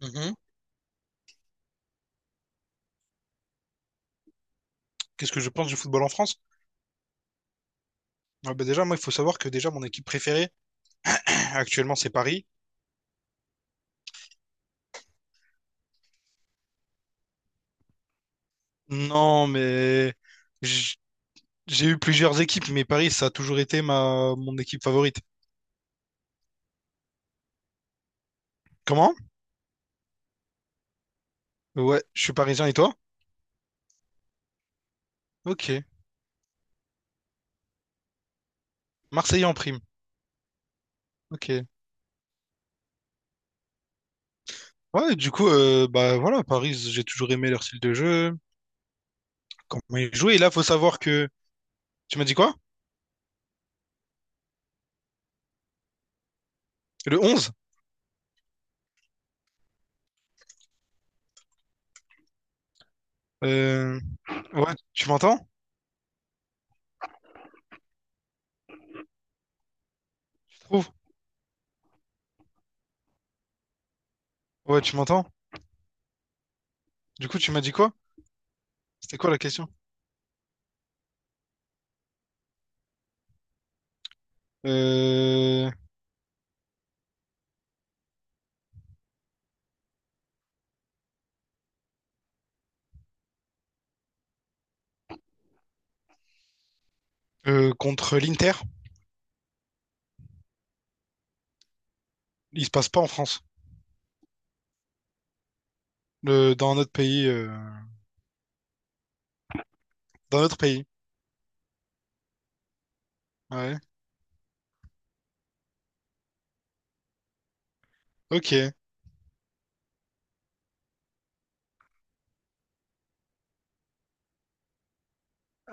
Mhm. Qu'est-ce que je pense du football en France? Ah bah déjà, moi, il faut savoir que déjà, mon équipe préférée, actuellement, c'est Paris. Non, mais j- j'ai eu plusieurs équipes, mais Paris, ça a toujours été ma mon équipe favorite. Comment? Ouais, je suis parisien, et toi? Ok. Marseillais en prime. Ok. Ouais, du coup, bah voilà, Paris, j'ai toujours aimé leur style de jeu. Comment il jouait. Et là, faut savoir que. Tu m'as dit quoi? Le onze. Euh, Ouais, tu m'entends? Je trouve. Ouais, tu m'entends? Du coup, tu m'as dit quoi? C'était quoi la question? Euh, contre l'Inter, il se passe pas en France. Le... Dans notre pays. Dans notre pays. Ouais. Ok.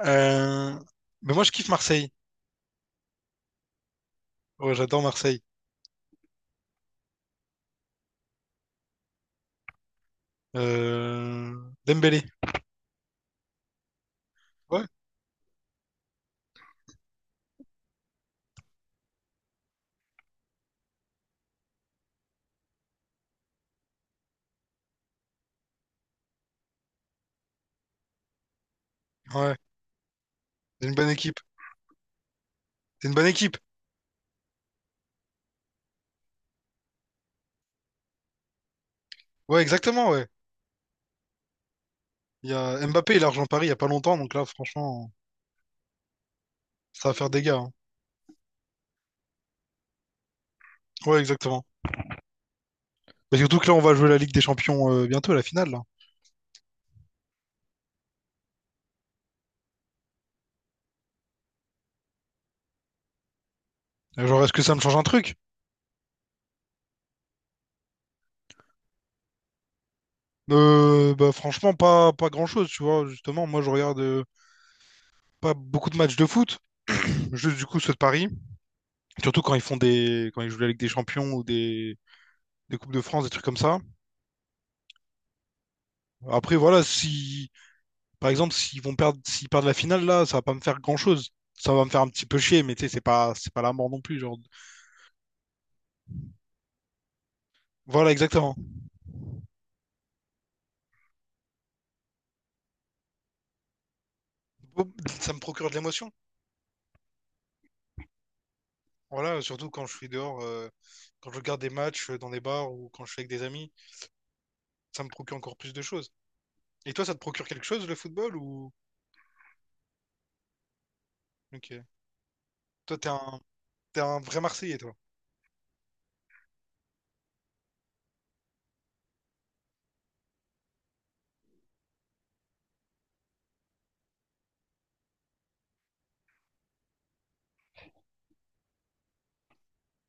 Euh... Mais moi, je kiffe Marseille. Ouais, j'adore Marseille. Euh... Dembélé. Ouais. Ouais. C'est une bonne équipe. C'est une bonne équipe. Ouais, exactement, ouais. Il y a Mbappé, il a rejoint Paris il y a pas longtemps, donc là, franchement, ça va faire des gars, hein. Ouais, exactement. Mais surtout que là, on va jouer la Ligue des Champions bientôt, la finale, là. Genre, est-ce que ça me change un truc? Bah, franchement, pas grand-chose, tu vois. Justement, moi, je regarde pas beaucoup de matchs de foot. Juste, du coup, ceux de Paris. Surtout quand ils font des... quand ils jouent la Ligue des Champions ou des Coupes de France, des trucs comme ça. Après, voilà, si... Par exemple, s'ils vont perdre... s'ils perdent la finale, là, ça va pas me faire grand-chose. Ça va me faire un petit peu chier, mais tu sais, c'est pas la mort non plus, genre. Voilà, exactement. Bon, ça me procure de l'émotion. Voilà, surtout quand je suis dehors, quand je regarde des matchs dans des bars ou quand je suis avec des amis, ça me procure encore plus de choses. Et toi, ça te procure quelque chose, le football ou... Ok. Toi, t'es un vrai Marseillais, toi.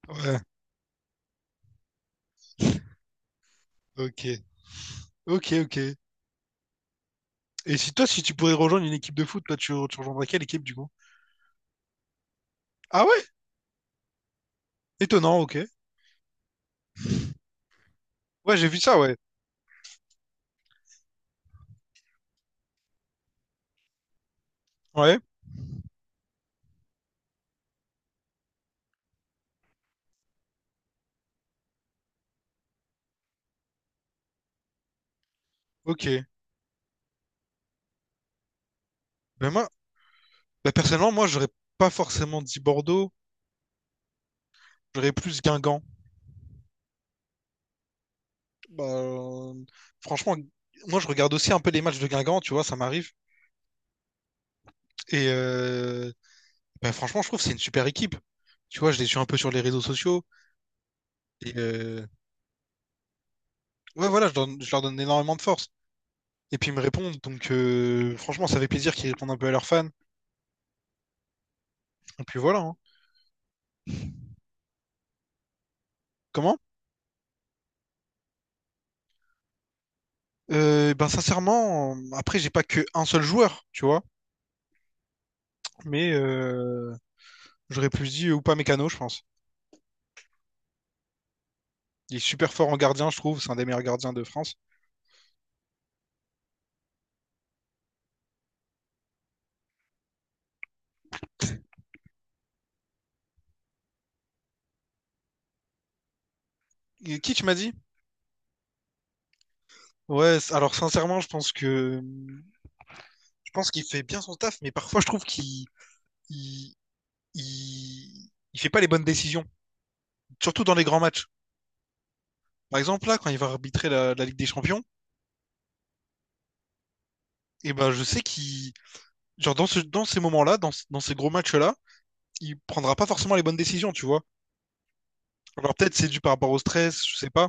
Ouais, ok. Ok, ok. Et si toi, si tu pourrais rejoindre une équipe de foot, là, tu rejoindrais quelle équipe, du coup? Ah ouais? Étonnant, ok. Ouais, j'ai vu ça, ouais. Ouais, ok. Mais moi, bah, personnellement, moi, j'aurais pas forcément dit Bordeaux, j'aurais plus Guingamp. Bah, franchement, moi, je regarde aussi un peu les matchs de Guingamp, tu vois, ça m'arrive. Et bah, franchement, je trouve que c'est une super équipe. Tu vois, je les suis un peu sur les réseaux sociaux. Et ouais, voilà, je leur donne énormément de force. Et puis ils me répondent. Donc franchement, ça fait plaisir qu'ils répondent un peu à leurs fans. Et puis voilà, hein. Comment? Ben sincèrement, après, j'ai pas que un seul joueur, tu vois. Mais j'aurais plus dit Oupa Mécano, je pense. Il est super fort en gardien, je trouve. C'est un des meilleurs gardiens de France. Et qui tu m'as dit? Ouais, alors sincèrement, je pense qu'il fait bien son taf, mais parfois je trouve qu'il il, il fait pas les bonnes décisions, surtout dans les grands matchs. Par exemple, là, quand il va arbitrer la Ligue des Champions, et ben, je sais qu'il, genre, dans ces moments-là, dans ces gros matchs-là, il prendra pas forcément les bonnes décisions, tu vois. Alors, peut-être c'est dû par rapport au stress, je sais pas.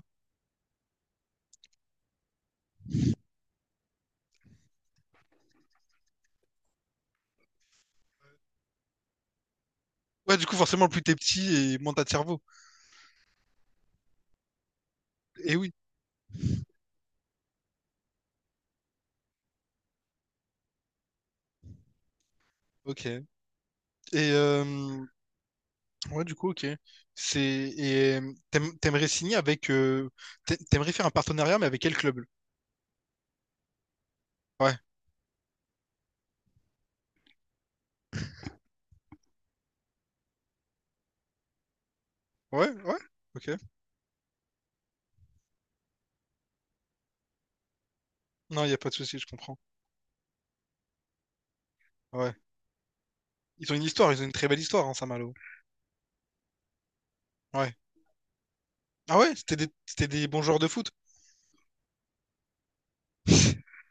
Ouais, du coup, forcément, plus t'es petit et moins t'as de cerveau. Et oui, ok. Et, euh, ouais, du coup, ok. C'est, et t'aimerais signer avec, t'aimerais faire un partenariat, mais avec quel club? Ouais, ouais, ouais, ok. Non, y a pas de souci, je comprends. Ouais. Ils ont une histoire, ils ont une très belle histoire, hein, Saint-Malo. Ouais. Ah ouais, c'était des bons joueurs de foot.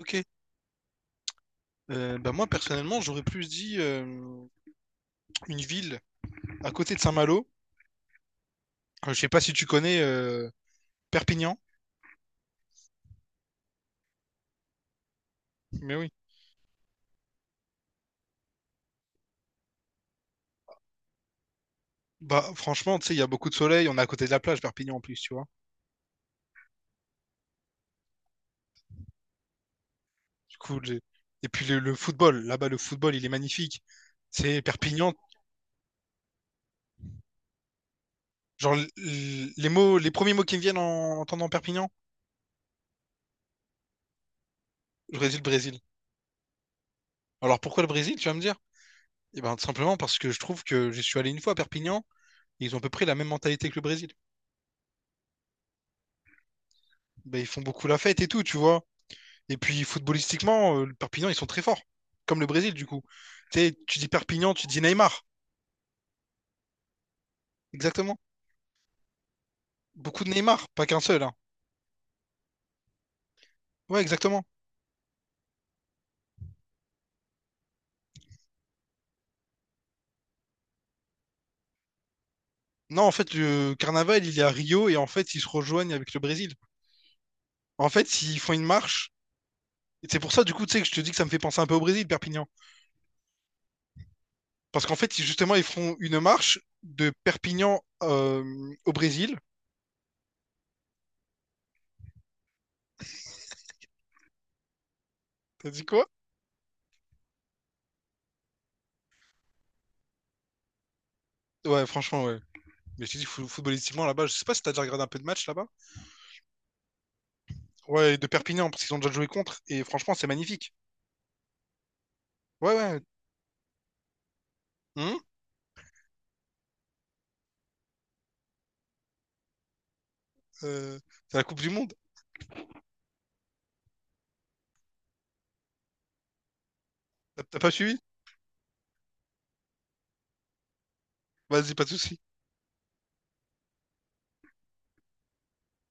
Ok. Bah moi, personnellement, j'aurais plus dit une ville à côté de Saint-Malo. Je sais pas si tu connais Perpignan, mais oui. Bah franchement, tu sais, il y a beaucoup de soleil, on est à côté de la plage, Perpignan en plus, tu vois. Du coup, et puis le football, là-bas, le football, il est magnifique. C'est Perpignan. Genre, les mots, les premiers mots qui me viennent en entendant Perpignan, j'aurais dit le Brésil. Alors pourquoi le Brésil, tu vas me dire? Et ben, tout simplement parce que je trouve que je suis allé une fois à Perpignan, et ils ont à peu près la même mentalité que le Brésil. Ben, ils font beaucoup la fête et tout, tu vois. Et puis footballistiquement, le Perpignan, ils sont très forts, comme le Brésil du coup. Tu sais, tu dis Perpignan, tu dis Neymar, exactement. Beaucoup de Neymar, pas qu'un seul, hein. Ouais, exactement. Non, en fait, le carnaval, il est à Rio et en fait, ils se rejoignent avec le Brésil. En fait, ils font une marche. Et c'est pour ça, du coup, tu sais, que je te dis que ça me fait penser un peu au Brésil, Perpignan. Parce qu'en fait, justement, ils font une marche de Perpignan au Brésil. T'as dit quoi? Ouais, franchement, ouais. Mais je te dis, footballistiquement, là-bas, je sais pas si t'as déjà regardé un peu de match là-bas. Ouais, de Perpignan, parce qu'ils ont déjà joué contre. Et franchement, c'est magnifique. Ouais, ouais. Hum, euh, c'est la Coupe du Monde. T'as pas suivi? Vas-y, pas de soucis.